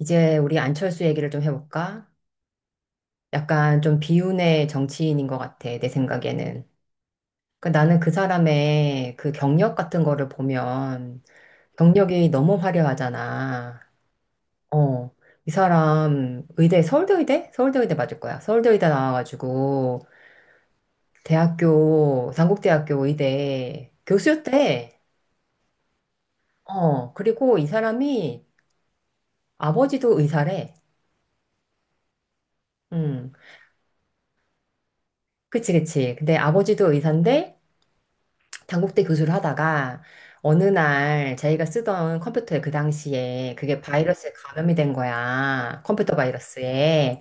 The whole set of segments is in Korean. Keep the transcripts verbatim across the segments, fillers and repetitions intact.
이제 우리 안철수 얘기를 좀 해볼까? 약간 좀 비운의 정치인인 것 같아, 내 생각에는. 그 나는 그 사람의 그 경력 같은 거를 보면 경력이 너무 화려하잖아. 어, 이 사람 의대, 서울대 의대? 서울대 의대 맞을 거야. 서울대 의대 나와가지고 대학교, 단국대학교 의대 교수였대. 어, 그리고 이 사람이 아버지도 의사래. 음, 그치, 그치. 근데 아버지도 의사인데 단국대 교수를 하다가 어느 날 자기가 쓰던 컴퓨터에 그 당시에 그게 바이러스에 감염이 된 거야. 컴퓨터 바이러스에.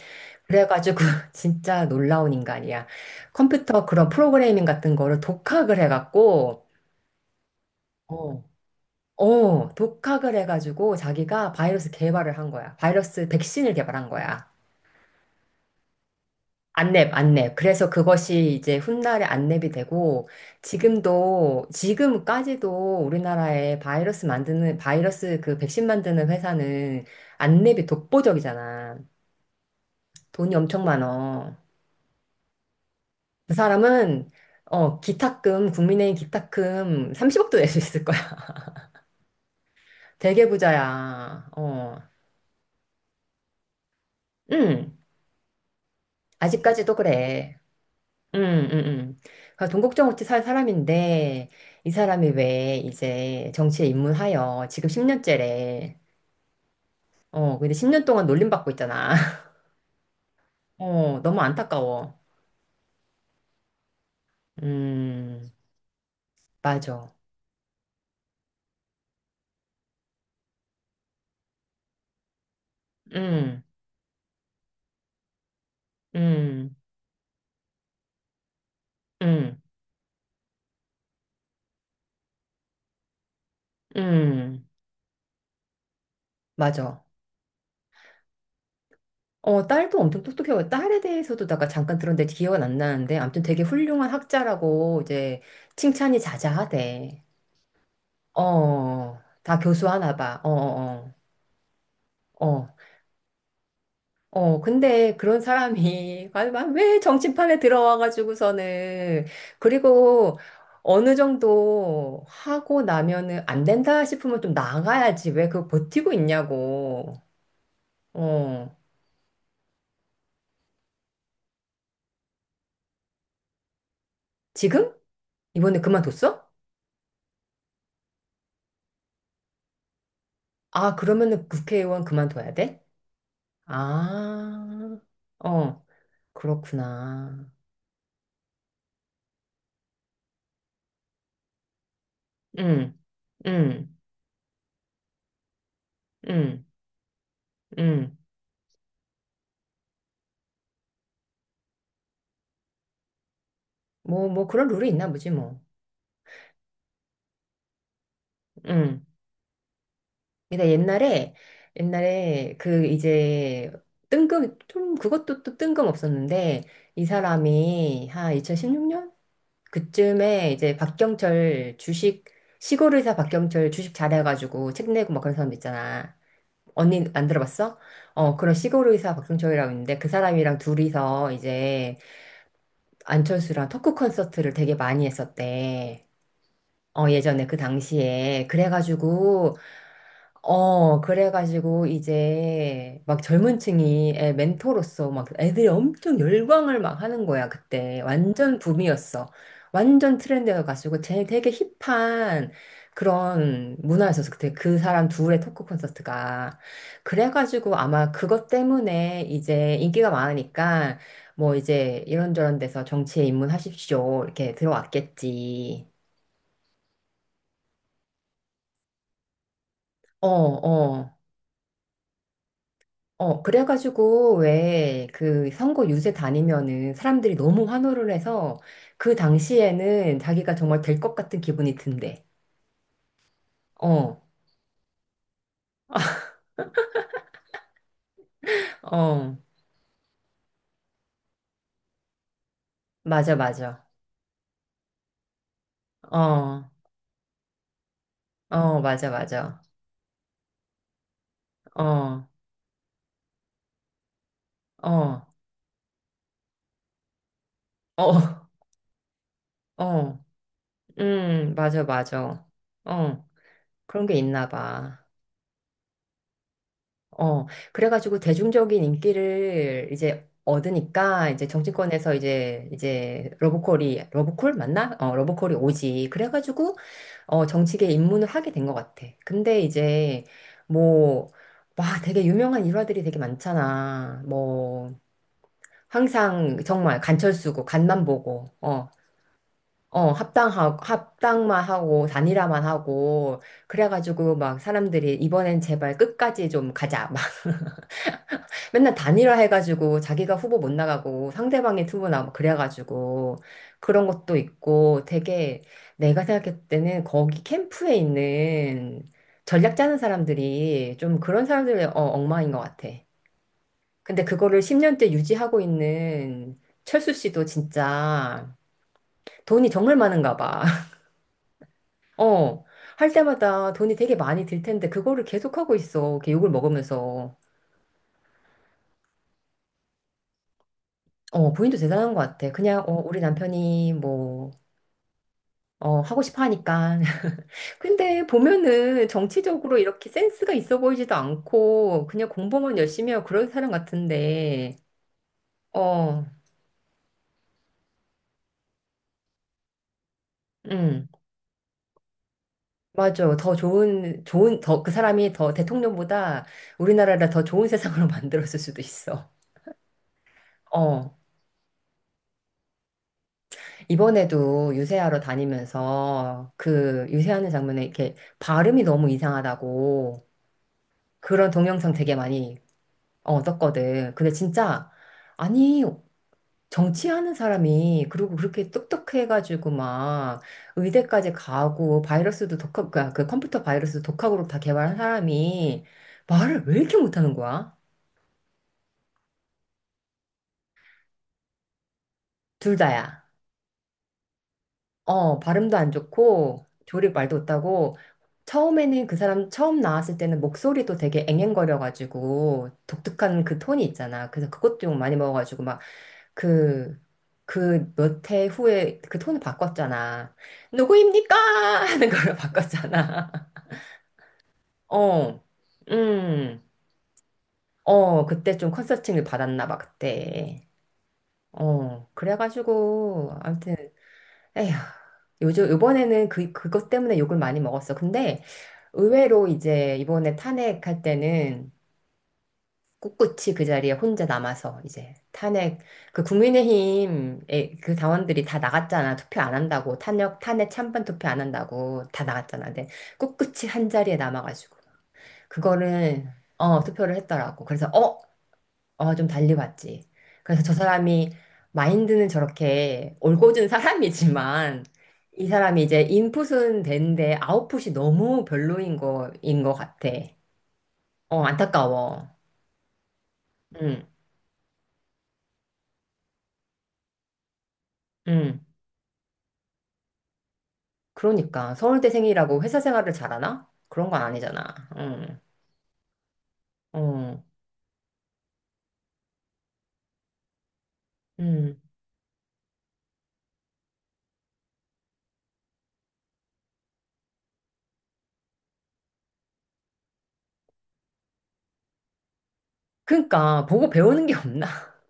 그래가지고 진짜 놀라운 인간이야. 컴퓨터 그런 프로그래밍 같은 거를 독학을 해갖고, 어, 어, 독학을 해가지고 자기가 바이러스 개발을 한 거야. 바이러스 백신을 개발한 거야. 안랩, 안랩. 그래서 그것이 이제 훗날에 안랩이 되고, 지금도, 지금까지도 우리나라에 바이러스 만드는, 바이러스 그 백신 만드는 회사는 안랩이 독보적이잖아. 돈이 엄청 많어. 그 사람은, 어, 기탁금, 국민의힘 기탁금 삼십억도 낼 수 있을 거야. 되게 부자야. 어. 응, 아직까지도 그래. 음, 음, 음. 그러니까 동국정우치 살 사람인데 이 사람이 왜 이제 정치에 입문하여 지금 십 년째래. 어, 근데 십 년 동안 놀림받고 있잖아. 어, 너무 안타까워. 음, 맞아. 음, 음, 음, 음, 맞아. 어, 딸도 엄청 똑똑해요. 딸에 대해서도 내가 잠깐 들었는데 기억은 안 나는데 아무튼 되게 훌륭한 학자라고 이제 칭찬이 자자하대. 어, 다 교수하나 봐. 어, 어, 어. 어. 어, 근데 그런 사람이 아, 막왜 정치판에 들어와가지고서는 그리고 어느 정도 하고 나면은 안 된다 싶으면 좀 나가야지 왜 그거 버티고 있냐고. 어, 지금? 이번에 그만뒀어? 아, 그러면은 국회의원 그만둬야 돼? 아, 어, 그렇구나. 응, 응, 응, 응. 뭐, 뭐 그런 룰이 있나 보지 뭐. 응. 내가 옛날에 옛날에 그 이제 뜬금 좀 그것도 또 뜬금없었는데 이 사람이 한 이천십육 년 그쯤에 이제 박경철 주식 시골 의사 박경철 주식 잘해가지고 책 내고 막 그런 사람 있잖아. 언니 안 들어봤어? 어 그런 시골 의사 박경철이라고 있는데 그 사람이랑 둘이서 이제 안철수랑 토크 콘서트를 되게 많이 했었대. 어 예전에 그 당시에 그래가지고 어, 그래가지고 이제 막 젊은 층이 애 멘토로서 막 애들이 엄청 열광을 막 하는 거야, 그때. 완전 붐이었어. 완전 트렌드여가지고 쟤 되게 힙한 그런 문화였었어. 그때 그 사람 둘의 토크 콘서트가. 그래가지고 아마 그것 때문에 이제 인기가 많으니까 뭐 이제 이런저런 데서 정치에 입문하십시오. 이렇게 들어왔겠지. 어, 어. 어, 그래가지고, 왜, 그, 선거 유세 다니면은 사람들이 너무 환호를 해서 그 당시에는 자기가 정말 될 것 같은 기분이 든대. 어, 어, 맞아, 맞아. 어, 어, 맞아, 맞아. 어, 어, 어, 어, 음, 맞아, 맞아. 어, 그런 게 있나 봐. 어, 그래가지고 대중적인 인기를 이제 얻으니까 이제 정치권에서 이제 이제 러브콜이 러브콜 맞나? 어, 러브콜이 오지. 그래가지고 어, 정치계에 입문을 하게 된 것 같아. 근데 이제 뭐 와, 되게 유명한 일화들이 되게 많잖아. 뭐 항상 정말 간철 쓰고 간만 보고 어. 어, 합당하고, 합당만 하고, 단일화만 하고, 그래가지고 막 사람들이 이번엔 제발 끝까지 좀 가자. 맨날 단일화 해가지고 자기가 후보 못 나가고 상대방이 후보 나오고 그래가지고 그런 것도 있고 되게 내가 생각할 때는 거기 캠프에 있는 전략 짜는 사람들이 좀 그런 사람들의 어, 엉망인 것 같아. 근데 그거를 십 년째 유지하고 있는 철수 씨도 진짜 돈이 정말 많은가 봐. 어, 할 때마다 돈이 되게 많이 들 텐데 그거를 계속하고 있어. 이렇게 욕을 먹으면서. 어, 본인도 대단한 것 같아. 그냥, 어, 우리 남편이 뭐, 어, 하고 싶어 하니까. 근데 보면은 정치적으로 이렇게 센스가 있어 보이지도 않고, 그냥 공부만 열심히 하고 그런 사람 같은데, 어, 음, 맞아. 더 좋은, 좋은, 더, 그 사람이 더 대통령보다 우리나라를 더 좋은 세상으로 만들었을 수도 있어. 어, 이번에도 유세하러 다니면서 그 유세하는 장면에 이렇게 발음이 너무 이상하다고 그런 동영상 되게 많이, 어, 떴거든. 근데 진짜, 아니, 정치하는 사람이 그리고 그렇게 똑똑해가지고 막 의대까지 가고 바이러스도 독학 그그 컴퓨터 바이러스도 독학으로 다 개발한 사람이 말을 왜 이렇게 못하는 거야? 둘 다야. 어 발음도 안 좋고 조리 말도 못하고 처음에는 그 사람 처음 나왔을 때는 목소리도 되게 앵앵거려가지고 독특한 그 톤이 있잖아. 그래서 그것 좀 많이 먹어가지고 그, 그 몇 해 후에 그 톤을 바꿨잖아. 누구입니까? 하는 걸로 바꿨잖아. 어, 음, 어, 그때 좀 컨설팅을 받았나 봐, 그때. 어, 그래가지고, 아무튼, 에휴, 요즘, 요번에는 그, 그것 때문에 욕을 많이 먹었어. 근데 의외로 이제 이번에 탄핵할 때는 꿋꿋이 그 자리에 혼자 남아서 이제 탄핵 그 국민의힘 의 그 당원들이 다 나갔잖아. 투표 안 한다고 탄핵 탄핵 찬반 투표 안 한다고 다 나갔잖아. 근데 꿋꿋이 한 자리에 남아가지고 그거는 어 투표를 했더라고. 그래서 어어 좀 달리 봤지. 그래서 저 사람이 마인드는 저렇게 올곧은 사람이지만 이 사람이 이제 인풋은 되는데 아웃풋이 너무 별로인 거인 거 같아. 어 안타까워. 응 응. 그러니까 서울대생이라고 회사 생활을 잘하나? 그런 건 아니잖아. 응, 어, 음. 그러니까 보고 배우는 게 없나?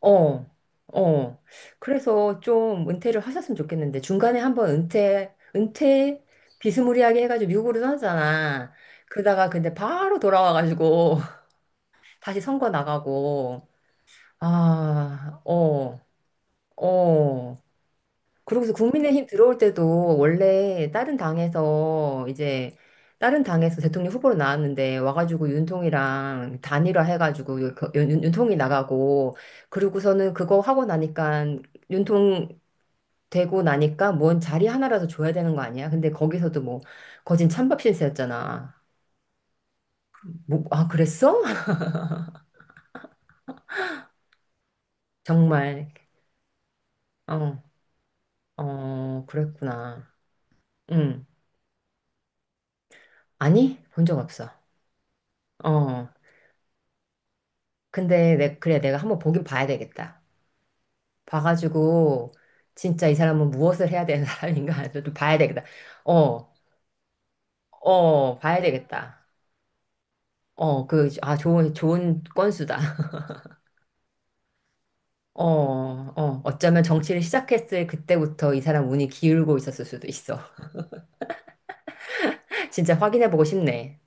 어, 어. 그래서 좀 은퇴를 하셨으면 좋겠는데 중간에 한번 은퇴, 은퇴 비스무리하게 해가지고 미국으로 떠났잖아. 그러다가 근데 바로 돌아와가지고 다시 선거 나가고 아, 어, 어. 그러고서 국민의힘 들어올 때도 원래 다른 당에서 이제 다른 당에서 대통령 후보로 나왔는데 와가지고 윤통이랑 단일화 해가지고 그 윤, 윤- 윤통이 나가고 그러고서는 그거 하고 나니까 윤통 되고 나니까 뭔 자리 하나라도 줘야 되는 거 아니야? 근데 거기서도 뭐 거진 찬밥 신세였잖아. 뭐, 아, 그랬어? 정말. 어, 어, 그랬구나. 응. 아니? 본 적 없어. 어. 근데 내, 그래, 내가 한번 보긴 봐야 되겠다. 봐가지고 진짜 이 사람은 무엇을 해야 되는 사람인가 좀 봐야 되겠다. 어, 어, 봐야 되겠다. 어, 그, 아, 좋은, 좋은 건수다. 어, 어, 어쩌면 정치를 시작했을 그때부터 이 사람 운이 기울고 있었을 수도 있어. 진짜 확인해보고 싶네.